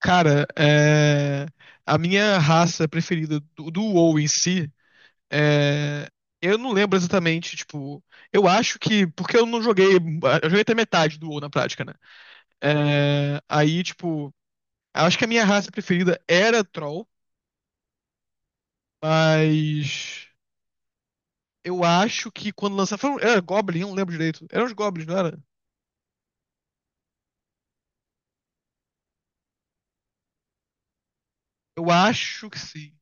Cara, a minha raça preferida do WoW em si, é, eu não lembro exatamente, tipo, eu acho que, porque eu não joguei, eu joguei até metade do WoW na prática, né? É, aí, tipo, eu acho que a minha raça preferida era Troll, mas eu acho que quando lançaram, era Goblin, eu não lembro direito, eram os Goblins, não era? Eu acho que sim,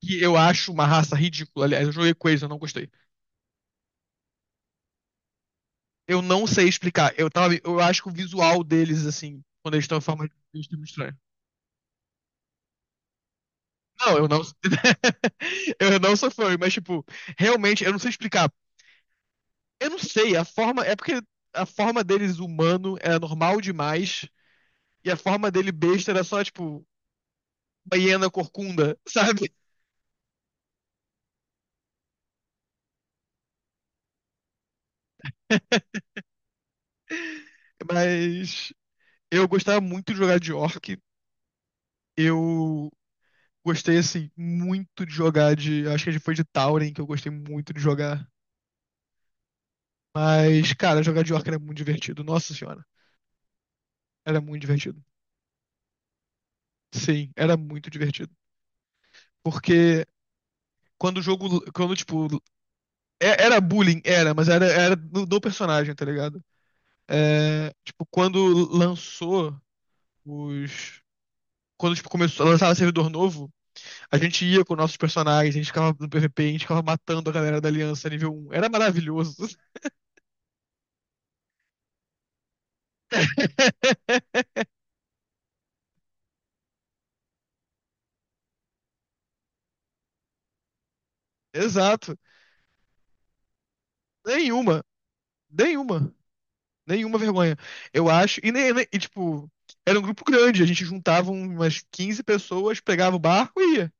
que eu acho uma raça ridícula, aliás, eu joguei com eles, eu não gostei. Eu não sei explicar. Eu acho que o visual deles, assim, quando eles estão em forma de besta, é muito estranho. Não, eu não. Eu não sou fã, mas, tipo, realmente, eu não sei explicar. Eu não sei, a forma. É porque a forma deles humano era normal demais. E a forma dele besta era só, tipo, uma hiena corcunda, sabe? Mas eu gostava muito de jogar de orc. Eu gostei, assim, muito de jogar de. Acho que foi de Tauren que eu gostei muito de jogar. Mas, cara, jogar de orc era muito divertido. Nossa senhora, era muito divertido. Sim, era muito divertido. Porque quando o jogo, quando, tipo, era bullying, era, mas era do personagem, tá ligado? É, tipo, quando lançou os... Quando, tipo, começou a lançar servidor novo, a gente ia com nossos personagens, a gente ficava no PVP, a gente ficava matando a galera da Aliança nível 1. Era maravilhoso. Exato. Nenhuma. Nenhuma. Nenhuma vergonha. Eu acho. E, e, tipo, era um grupo grande. A gente juntava umas 15 pessoas, pegava o barco e ia.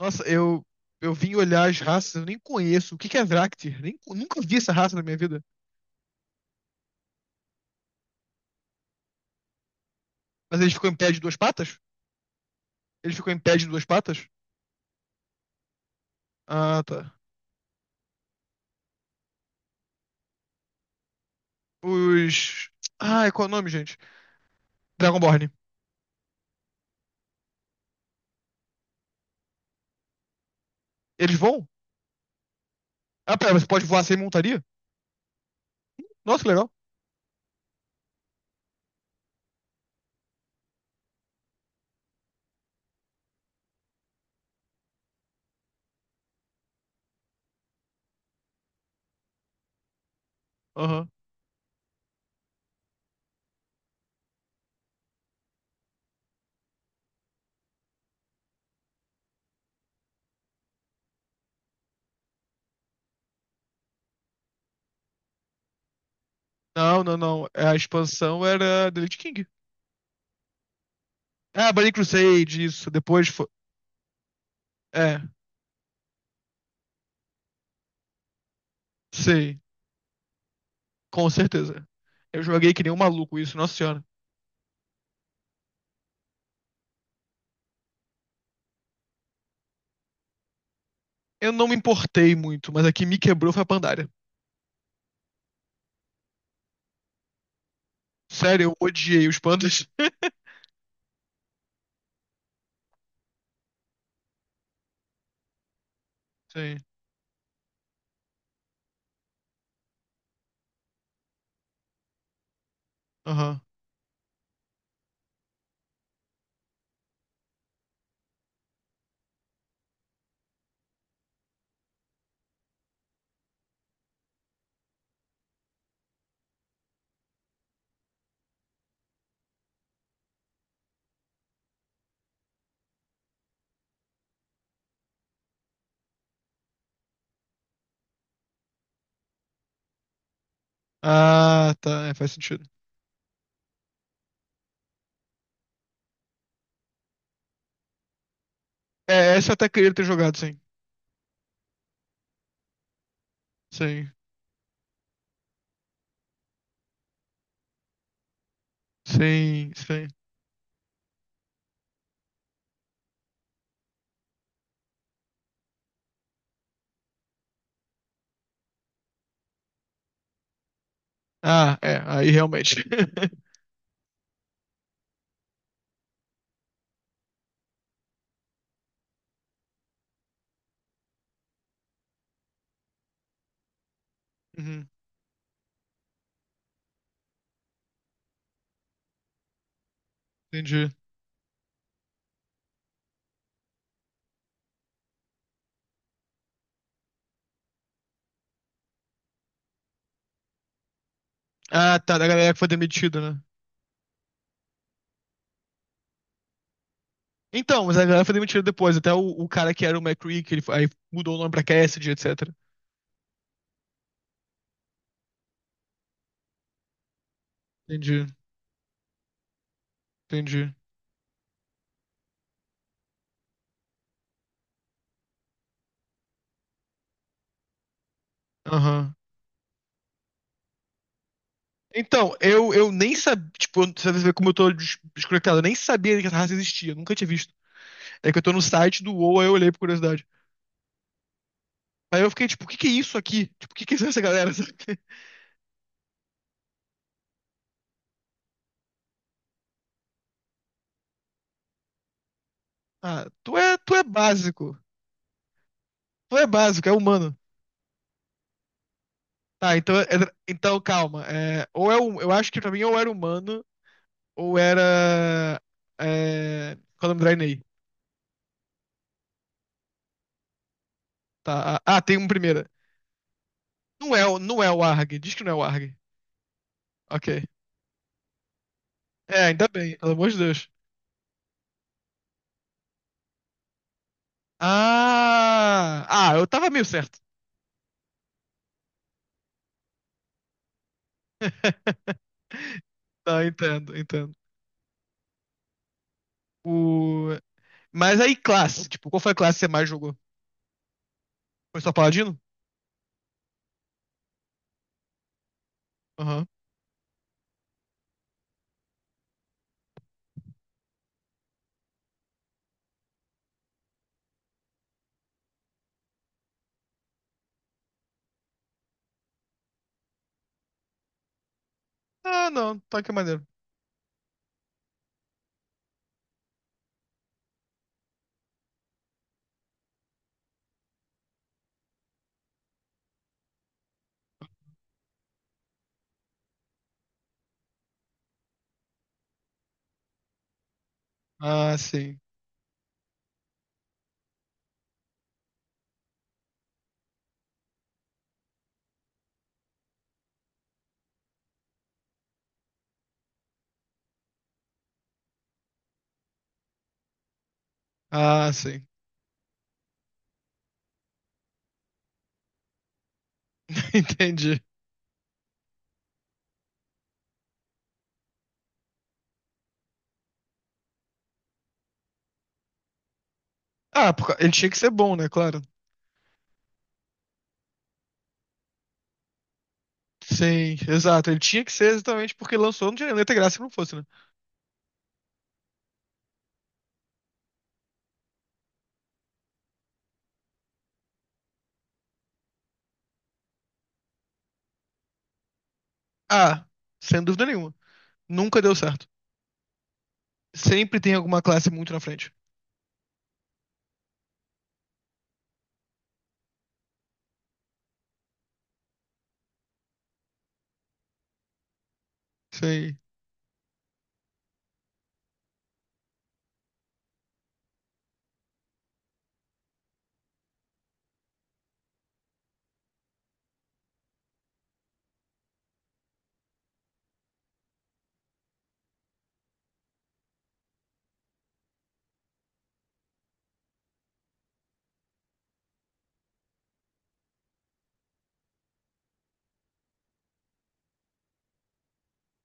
Nossa, eu vim olhar as raças, eu nem conheço. O que que é Vrácter? Nem, nunca vi essa raça na minha vida. Mas ele ficou em pé de duas patas? Ele ficou em pé de duas patas? Ah, tá. Os. Ai, qual é o nome, gente? Dragonborn. Eles voam? Ah, pera, você pode voar sem montaria? Nossa, que legal. Aham. Não, não, não. A expansão era The Lich King. Ah, Burning Crusade, isso. Depois foi. É. Sim, com certeza. Eu joguei que nem um maluco isso, nossa senhora. Eu não me importei muito, mas a que me quebrou foi a Pandaria. Sério, eu odiei os pandas. Sim, aham. Ah, tá, é, faz sentido. É, essa eu até queria ter jogado, sim. Sim, sim, sim. Ah, é, aí realmente. Uhum, entendi. Ah, tá, da galera que foi demitida, né? Então, mas a galera foi demitida depois, até o cara que era o McCree, que ele, aí mudou o nome pra Cassidy, etc. Entendi, entendi. Aham. Então, eu nem sabia, tipo, você vê como eu tô desconectado, eu nem sabia que essa raça existia, nunca tinha visto. É que eu tô no site do WoW, aí eu olhei por curiosidade. Aí eu fiquei, tipo, o que que é isso aqui? Tipo, o que que é essa galera? Sabe? Ah, tu é básico. Tu é básico, é humano. Tá, então, então calma. É, eu acho que pra mim ou era humano, ou era. É, qual é o nome do Draenei? Tá, ah, ah, tem um primeiro. Não é, não é o Arg, diz que não é o Arg. Ok. É, ainda bem, pelo amor de Deus. Ah! Ah, eu tava meio certo. Tá, entendo, entendo. O... Mas aí, classe. Tipo, qual foi a classe que você mais jogou? Foi só Paladino? Aham. Ah, não. Tá que maneiro. Ah, sim. Ah, sim. Entendi. Ah, porque ele tinha que ser bom, né? Claro. Sim, exato. Ele tinha que ser exatamente porque lançou, não tinha nem ter graça se não fosse, né? Ah, sem dúvida nenhuma. Nunca deu certo. Sempre tem alguma classe muito na frente. Sim,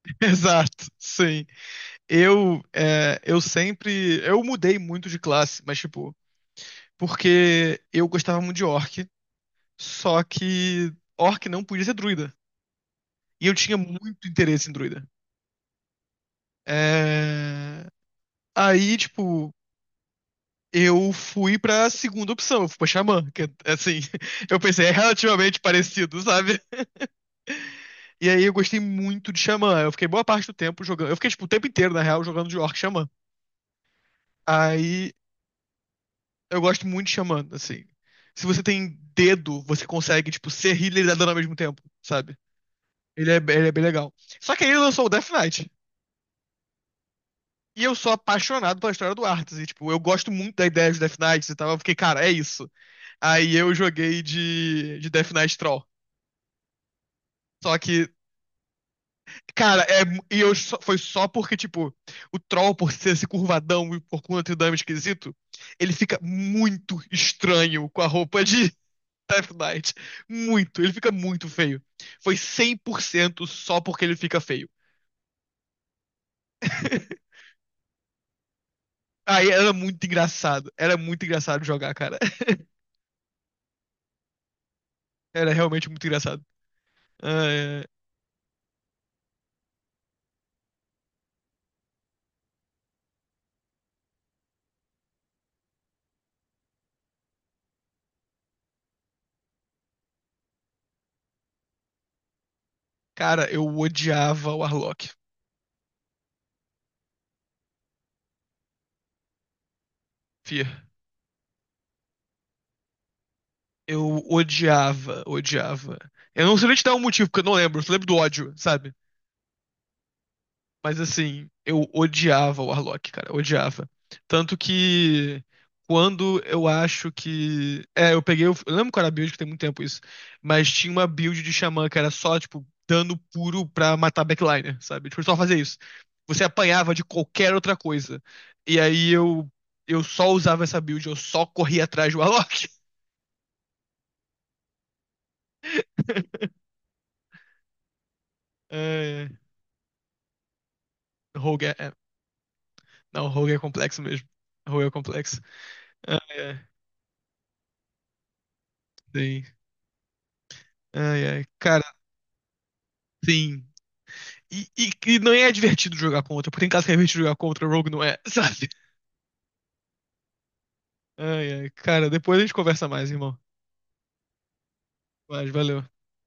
exato. Sim. Eu sempre. Eu mudei muito de classe, mas tipo. Porque eu gostava muito de orc, só que orc não podia ser druida. E eu tinha muito interesse em druida. É, aí, tipo, eu fui pra segunda opção, eu fui pra xamã, que é assim. Eu pensei, é relativamente parecido, sabe? E aí eu gostei muito de xamã. Eu fiquei boa parte do tempo jogando. Eu fiquei, tipo, o tempo inteiro, na real, jogando de orc e xamã. Aí, eu gosto muito de Xamã, assim. Se você tem dedo, você consegue, tipo, ser healer e dar dano ao mesmo tempo, sabe? Ele é bem legal. Só que aí ele lançou o Death Knight. E eu sou apaixonado pela história do Arthas. E, tipo, eu gosto muito da ideia de Death Knight e tal. Eu fiquei, cara, é isso. Aí eu joguei de Death Knight Troll. Só que, cara, e foi só porque, tipo, o Troll, por ser esse curvadão e por conta do dano esquisito, ele fica muito estranho com a roupa de, Death Knight. Muito. Ele fica muito feio. Foi 100% só porque ele fica feio. Aí era muito engraçado. Era muito engraçado jogar, cara. Era realmente muito engraçado. Ah, é. Cara, eu odiava o Arlok. Fia. Eu odiava, odiava. Eu não sei nem te dar um motivo, porque eu não lembro. Eu só lembro do ódio, sabe? Mas assim, eu odiava o Warlock, cara, odiava. Tanto que quando eu acho que. É, eu peguei. Eu lembro qual era a build, que tem muito tempo isso. Mas tinha uma build de Xamã que era só, tipo, dano puro pra matar backliner, sabe? Tipo, só fazer isso. Você apanhava de qualquer outra coisa. E aí eu. Eu só usava essa build, eu só corria atrás do Warlock. É, Rogue é. Não, Rogue é complexo mesmo. Rogue é complexo. Ai, ai. Sim. Ai, ai. Cara, sim. E não é divertido jogar contra, porque em caso que é divertido jogar contra, o Rogue não é, sabe? Ai, ai, cara, depois a gente conversa mais, irmão. Mas valeu.